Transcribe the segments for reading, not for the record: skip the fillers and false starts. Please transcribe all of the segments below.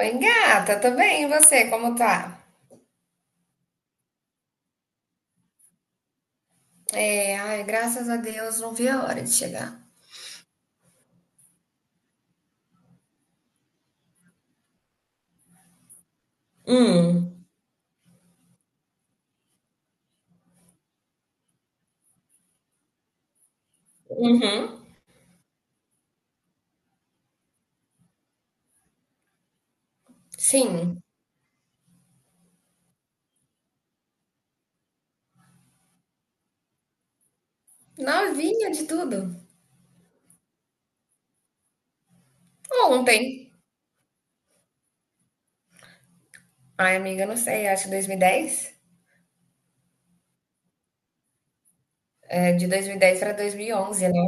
Oi, gata, tudo bem, e você, como tá? É, ai, graças a Deus, não vi a hora de chegar. Hum, uhum, sim, novinha de tudo. Ontem. Ai, amiga, não sei, acho que 2010? É, de 2010 pra 2011, né?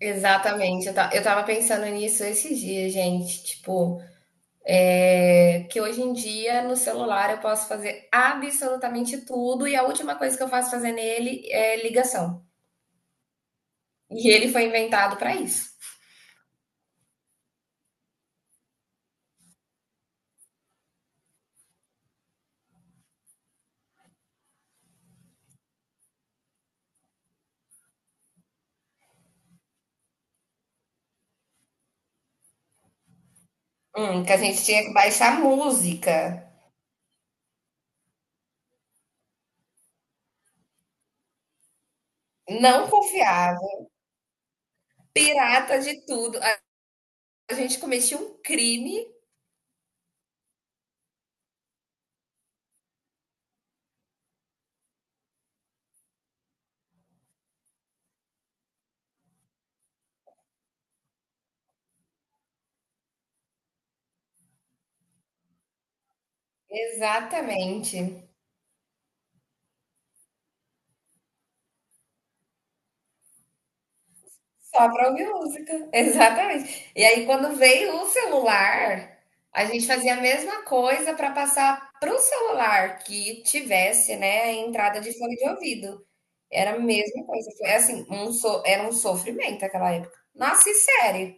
Exatamente, eu tava pensando nisso esses dias, gente, tipo, que hoje em dia no celular eu posso fazer absolutamente tudo e a última coisa que eu faço fazer nele é ligação. E ele foi inventado pra isso. Que a gente tinha que baixar música. Não confiava. Pirata de tudo. A gente cometia um crime. Exatamente. Só pra ouvir música. Exatamente. E aí, quando veio o celular, a gente fazia a mesma coisa para passar pro celular que tivesse, né, a entrada de fone de ouvido. Era a mesma coisa. Foi assim, um so- Era um sofrimento aquela época. Nossa, e sério.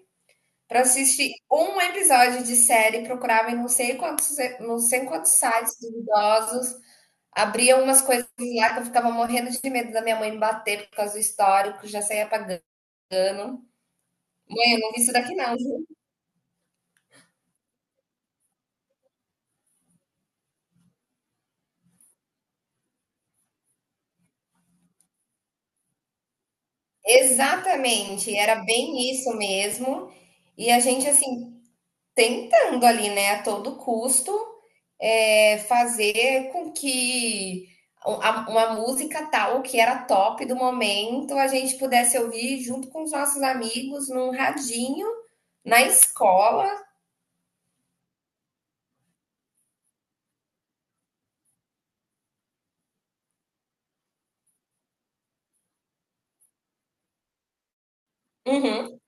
Pra assistir um episódio de série, procurava em não sei quantos, não sei quantos sites duvidosos, abria umas coisas lá que eu ficava morrendo de medo da minha mãe me bater por causa do histórico, já saía apagando. Mãe, eu não vi isso daqui não, viu? Exatamente, era bem isso mesmo. E a gente, assim, tentando ali, né, a todo custo, fazer com que uma música tal que era top do momento a gente pudesse ouvir junto com os nossos amigos num radinho na escola. Uhum.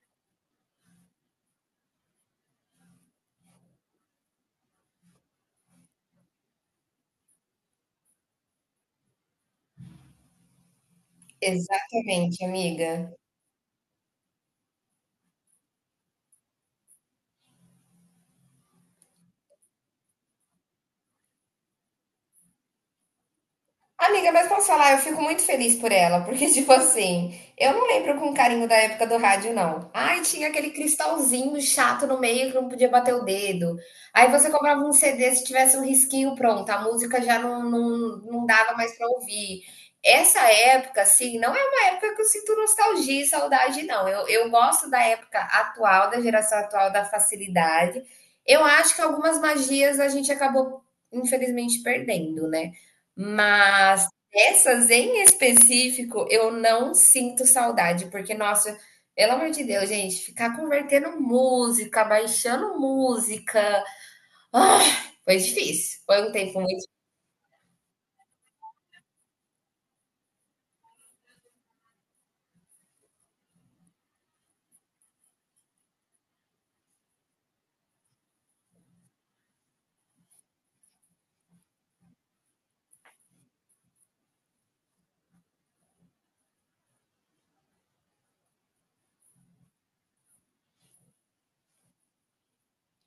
Exatamente, amiga. Amiga, mas posso falar, eu fico muito feliz por ela, porque, tipo assim, eu não lembro com carinho da época do rádio, não. Ai, tinha aquele cristalzinho chato no meio que não podia bater o dedo. Aí você comprava um CD, se tivesse um risquinho, pronto, a música já não dava mais pra ouvir. Essa época, assim, não é uma época que eu sinto nostalgia e saudade, não. Eu gosto da época atual, da geração atual, da facilidade. Eu acho que algumas magias a gente acabou, infelizmente, perdendo, né? Mas essas em específico, eu não sinto saudade, porque, nossa, pelo amor de Deus, gente, ficar convertendo música, baixando música, ah, foi difícil. Foi um tempo muito.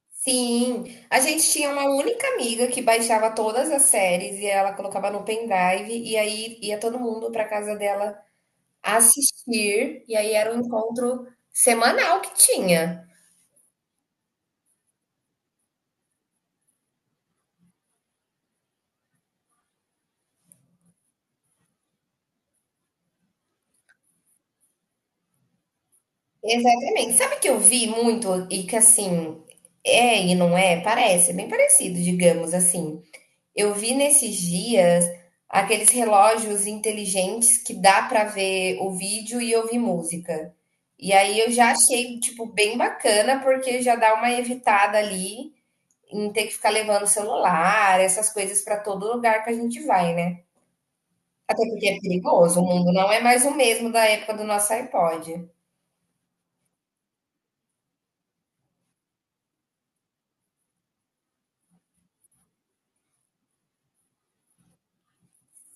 Sim, a gente tinha uma única amiga que baixava todas as séries e ela colocava no pendrive e aí ia todo mundo para casa dela assistir e aí era um encontro semanal que tinha. Exatamente. Sabe que eu vi muito e que assim é e não é? Parece, é bem parecido, digamos assim. Eu vi nesses dias aqueles relógios inteligentes que dá pra ver o vídeo e ouvir música. E aí eu já achei, tipo, bem bacana, porque já dá uma evitada ali em ter que ficar levando celular, essas coisas pra todo lugar que a gente vai, né? Até porque é perigoso, o mundo não é mais o mesmo da época do nosso iPod.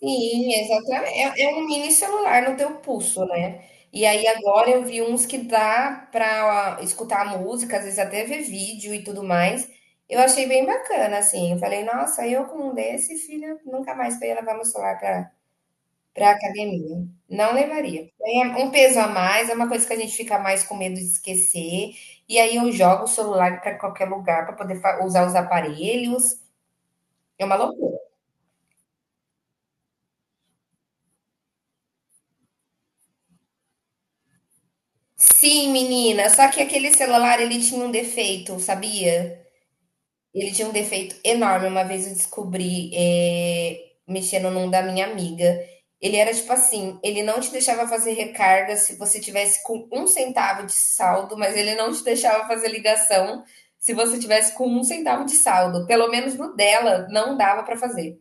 Sim, exatamente. É, é um mini celular no teu pulso, né? E aí agora eu vi uns que dá pra escutar música, às vezes até ver vídeo e tudo mais. Eu achei bem bacana, assim. Eu falei, nossa, eu com um desse, filha, nunca mais eu ia levar meu celular pra, pra academia. Não levaria. É um peso a mais, é uma coisa que a gente fica mais com medo de esquecer. E aí eu jogo o celular pra qualquer lugar pra poder usar os aparelhos. É uma loucura. Sim, menina, só que aquele celular ele tinha um defeito, sabia? Ele tinha um defeito enorme. Uma vez eu descobri, mexendo num da minha amiga. Ele era tipo assim: ele não te deixava fazer recarga se você tivesse com um centavo de saldo, mas ele não te deixava fazer ligação se você tivesse com um centavo de saldo. Pelo menos no dela, não dava pra fazer.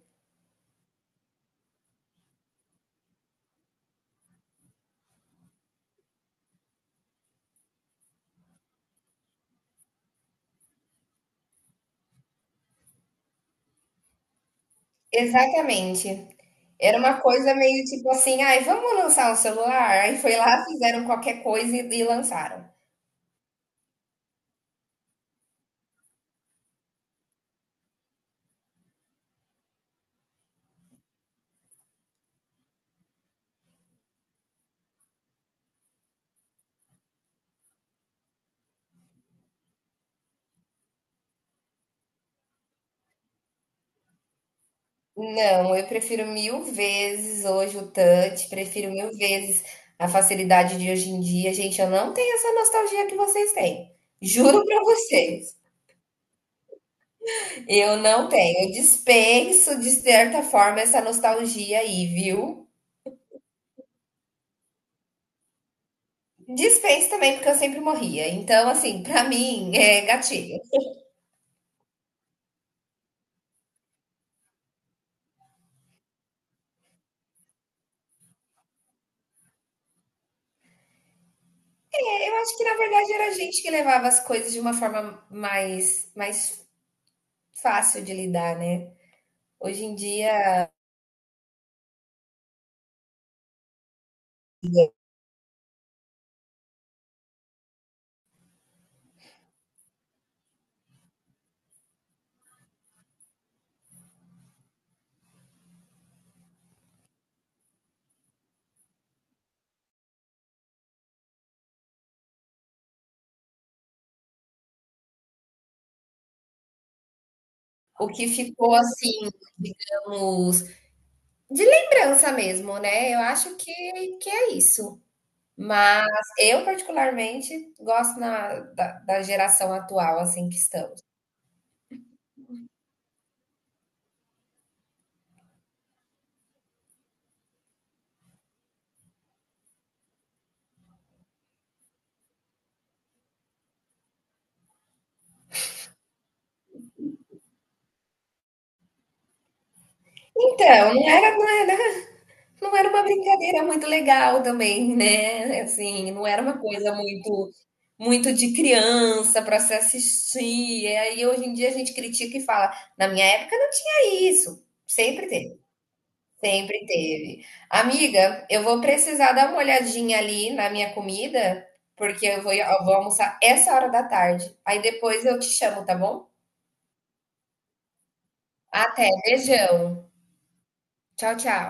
Exatamente. Era uma coisa meio tipo assim: ai, vamos lançar um celular? Aí foi lá, fizeram qualquer coisa e lançaram. Não, eu prefiro mil vezes hoje o touch, prefiro mil vezes a facilidade de hoje em dia. Gente, eu não tenho essa nostalgia que vocês têm. Juro pra vocês. Eu não tenho. Eu dispenso, de certa forma, essa nostalgia aí, viu? Dispenso também, porque eu sempre morria. Então, assim, pra mim, é gatilho. É, eu acho que, na verdade, era a gente que levava as coisas de uma forma mais fácil de lidar, né? Hoje em dia. O que ficou assim, digamos, de lembrança mesmo, né? Eu acho que é isso. Mas eu, particularmente, gosto da geração atual, assim, que estamos. Então, não era uma brincadeira muito legal também, né? Assim, não era uma coisa muito, muito de criança para se assistir. E aí, hoje em dia, a gente critica e fala, na minha época não tinha isso. Sempre teve. Sempre teve. Amiga, eu vou precisar dar uma olhadinha ali na minha comida, porque eu vou almoçar essa hora da tarde. Aí depois eu te chamo, tá bom? Até, beijão. Tchau, tchau.